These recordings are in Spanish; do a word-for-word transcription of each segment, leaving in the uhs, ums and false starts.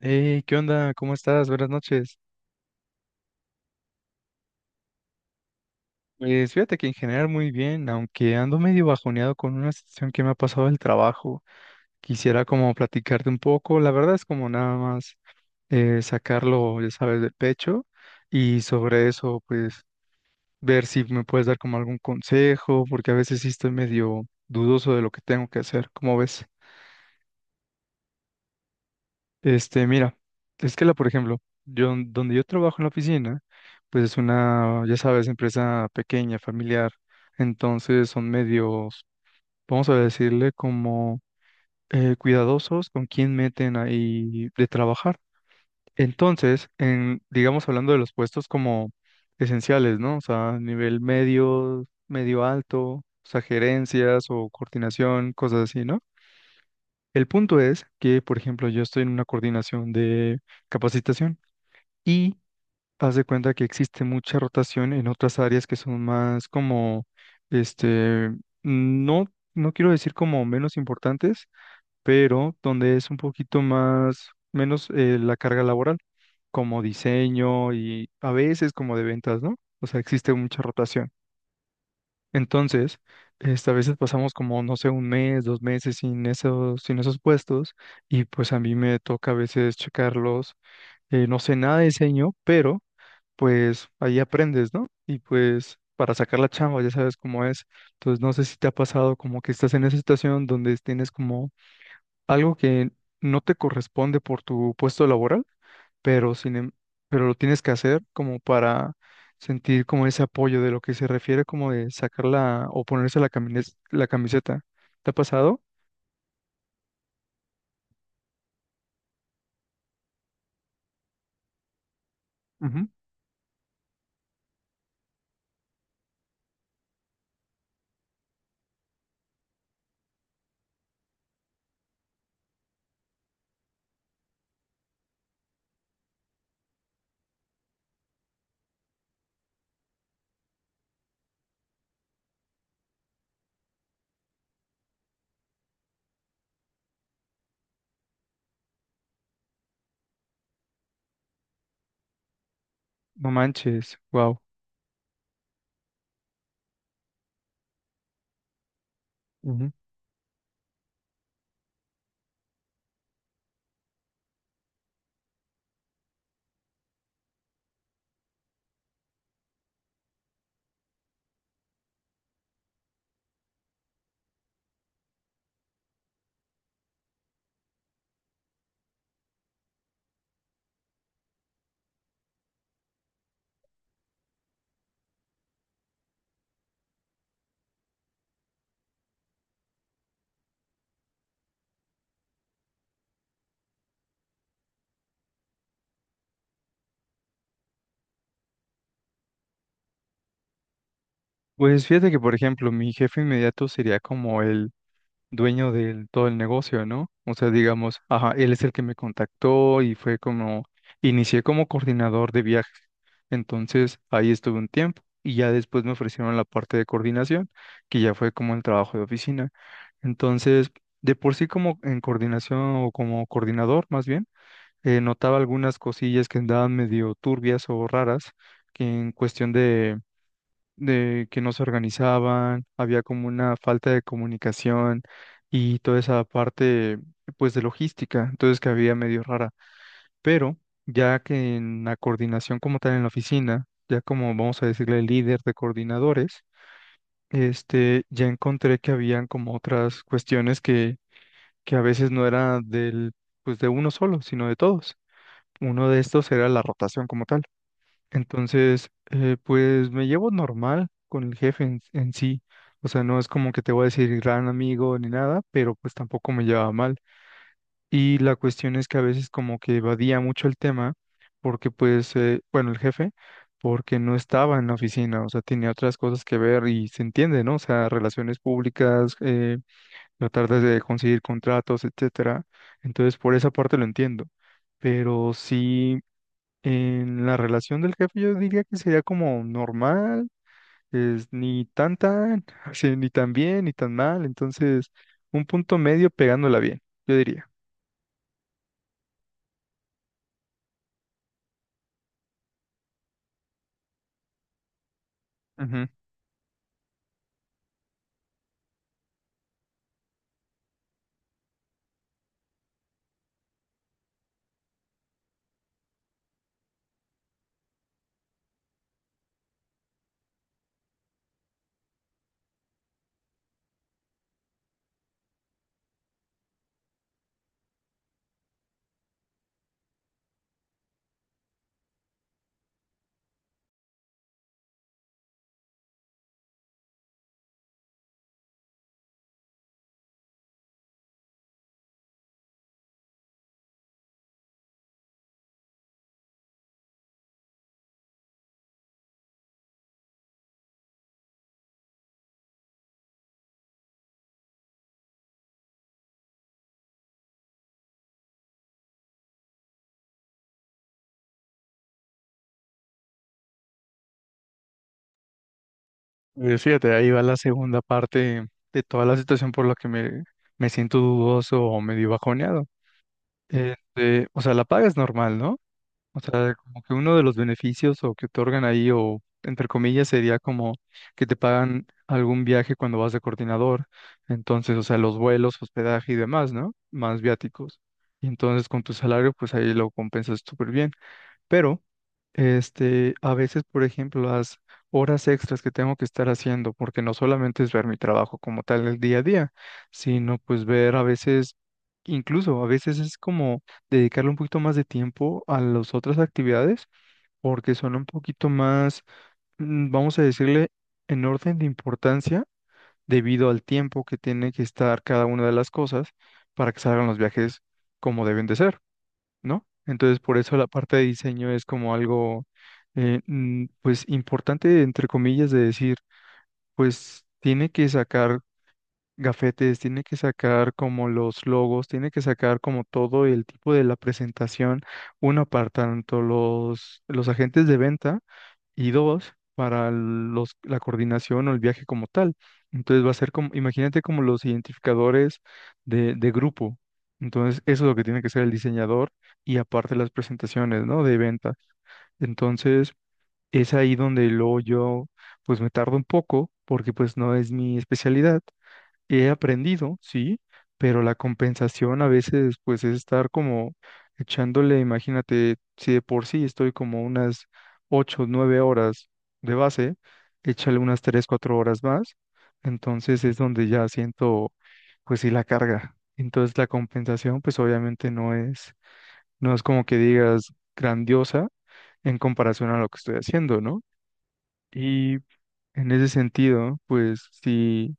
Hey, ¿qué onda? ¿Cómo estás? Buenas noches. Pues fíjate que en general muy bien, aunque ando medio bajoneado con una situación que me ha pasado del trabajo. Quisiera como platicarte un poco. La verdad es como nada más eh, sacarlo, ya sabes, del pecho y sobre eso, pues ver si me puedes dar como algún consejo, porque a veces sí estoy medio dudoso de lo que tengo que hacer. ¿Cómo ves? Este, mira, es que la, por ejemplo, yo donde yo trabajo en la oficina, pues es una, ya sabes, empresa pequeña, familiar, entonces son medios, vamos a decirle como eh, cuidadosos con quién meten ahí de trabajar. Entonces, en, digamos hablando de los puestos como esenciales, ¿no? O sea, nivel medio, medio alto, o sea, gerencias o coordinación, cosas así, ¿no? El punto es que, por ejemplo, yo estoy en una coordinación de capacitación. Y haz de cuenta que existe mucha rotación en otras áreas que son más como, este, no, no quiero decir como menos importantes, pero donde es un poquito más, menos eh, la carga laboral, como diseño y a veces como de ventas, ¿no? O sea, existe mucha rotación. Entonces, este, a veces pasamos como, no sé, un mes, dos meses sin esos, sin esos puestos y pues a mí me toca a veces checarlos. eh, no sé nada de diseño, pero pues ahí aprendes, ¿no? Y pues para sacar la chamba ya sabes cómo es. Entonces no sé si te ha pasado como que estás en esa situación donde tienes como algo que no te corresponde por tu puesto laboral, pero sin, em- pero lo tienes que hacer como para sentir como ese apoyo de lo que se refiere como de sacar la o ponerse la camines- la camiseta. ¿Te ha pasado? Ujú. No manches, wow. Ujú. Pues fíjate que, por ejemplo, mi jefe inmediato sería como el dueño de todo el negocio, ¿no? O sea, digamos, ajá, él es el que me contactó y fue como, inicié como coordinador de viajes. Entonces, ahí estuve un tiempo y ya después me ofrecieron la parte de coordinación, que ya fue como el trabajo de oficina. Entonces, de por sí como en coordinación o como coordinador, más bien, eh, notaba algunas cosillas que andaban medio turbias o raras, que en cuestión de que no se organizaban, había como una falta de comunicación y toda esa parte pues de logística, entonces que había medio rara. Pero ya que en la coordinación como tal en la oficina, ya como vamos a decirle líder de coordinadores, este, ya encontré que habían como otras cuestiones que, que a veces no era del, pues de uno solo, sino de todos. Uno de estos era la rotación como tal. Entonces, eh, pues me llevo normal con el jefe en, en sí. O sea, no es como que te voy a decir gran amigo ni nada, pero pues tampoco me llevaba mal. Y la cuestión es que a veces como que evadía mucho el tema, porque pues, eh, bueno, el jefe, porque no estaba en la oficina, o sea, tenía otras cosas que ver y se entiende, ¿no? O sea, relaciones públicas, eh, tratar de conseguir contratos, etcétera. Entonces, por esa parte lo entiendo. Pero sí. En la relación del jefe yo diría que sería como normal, es ni tan tan, así, ni tan bien, ni tan mal, entonces un punto medio pegándola bien, yo diría. Ujú. Eh, Fíjate, ahí va la segunda parte de toda la situación por la que me, me siento dudoso o medio bajoneado. Este, o sea, la paga es normal, ¿no? O sea, como que uno de los beneficios o que otorgan ahí, o entre comillas, sería como que te pagan algún viaje cuando vas de coordinador. Entonces, o sea, los vuelos, hospedaje y demás, ¿no? Más viáticos. Y entonces con tu salario, pues ahí lo compensas súper bien. Pero este, a veces, por ejemplo, las horas extras que tengo que estar haciendo, porque no solamente es ver mi trabajo como tal el día a día, sino pues ver a veces, incluso a veces es como dedicarle un poquito más de tiempo a las otras actividades, porque son un poquito más, mm, vamos a decirle, en orden de importancia, debido al tiempo que tiene que estar cada una de las cosas para que salgan los viajes como deben de ser, ¿no? Entonces, por eso la parte de diseño es como algo, eh, mm, pues, importante, entre comillas, de decir, pues, tiene que sacar gafetes, tiene que sacar como los logos, tiene que sacar como todo el tipo de la presentación, una parte, tanto los, los agentes de venta, y dos, para el- los, la coordinación o el viaje como tal. Entonces va a ser como, imagínate como los identificadores de, de grupo. Entonces eso es lo que tiene que ser el diseñador y aparte las presentaciones, ¿no? De ventas. Entonces, es ahí donde luego yo, pues me tardo un poco, porque pues no es mi especialidad. He aprendido, sí, pero la compensación a veces pues es estar como echándole, imagínate, si de por sí estoy como unas ocho nueve horas de base, échale unas tres cuatro horas más, entonces es donde ya siento pues sí la carga. Entonces la compensación pues obviamente no es, no es como que digas grandiosa en comparación a lo que estoy haciendo, ¿no? Y en ese sentido pues sí,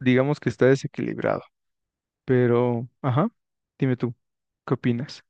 digamos que está desequilibrado. Pero, ajá, dime tú, ¿qué opinas?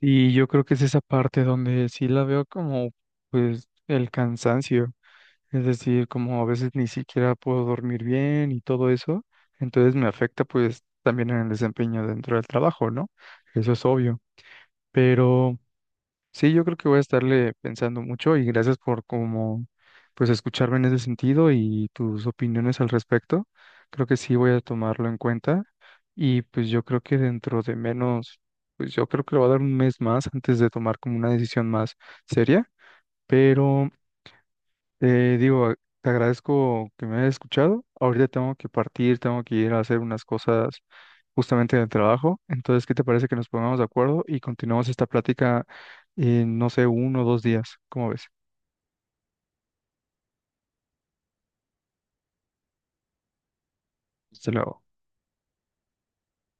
Y yo creo que es esa parte donde sí la veo como, pues, el cansancio, es decir, como a veces ni siquiera puedo dormir bien y todo eso, entonces me afecta, pues, también en el desempeño dentro del trabajo, ¿no? Eso es obvio, pero... Sí, yo creo que voy a estarle pensando mucho y gracias por como pues escucharme en ese sentido y tus opiniones al respecto. Creo que sí voy a tomarlo en cuenta y pues yo creo que dentro de menos, pues yo creo que le voy a dar un mes más antes de tomar como una decisión más seria, pero te digo, te agradezco que me hayas escuchado. Ahorita tengo que partir, tengo que ir a hacer unas cosas justamente del trabajo. Entonces, ¿qué te parece que nos pongamos de acuerdo y continuamos esta plática en, no sé, uno o dos días? ¿Cómo ves? Hasta luego.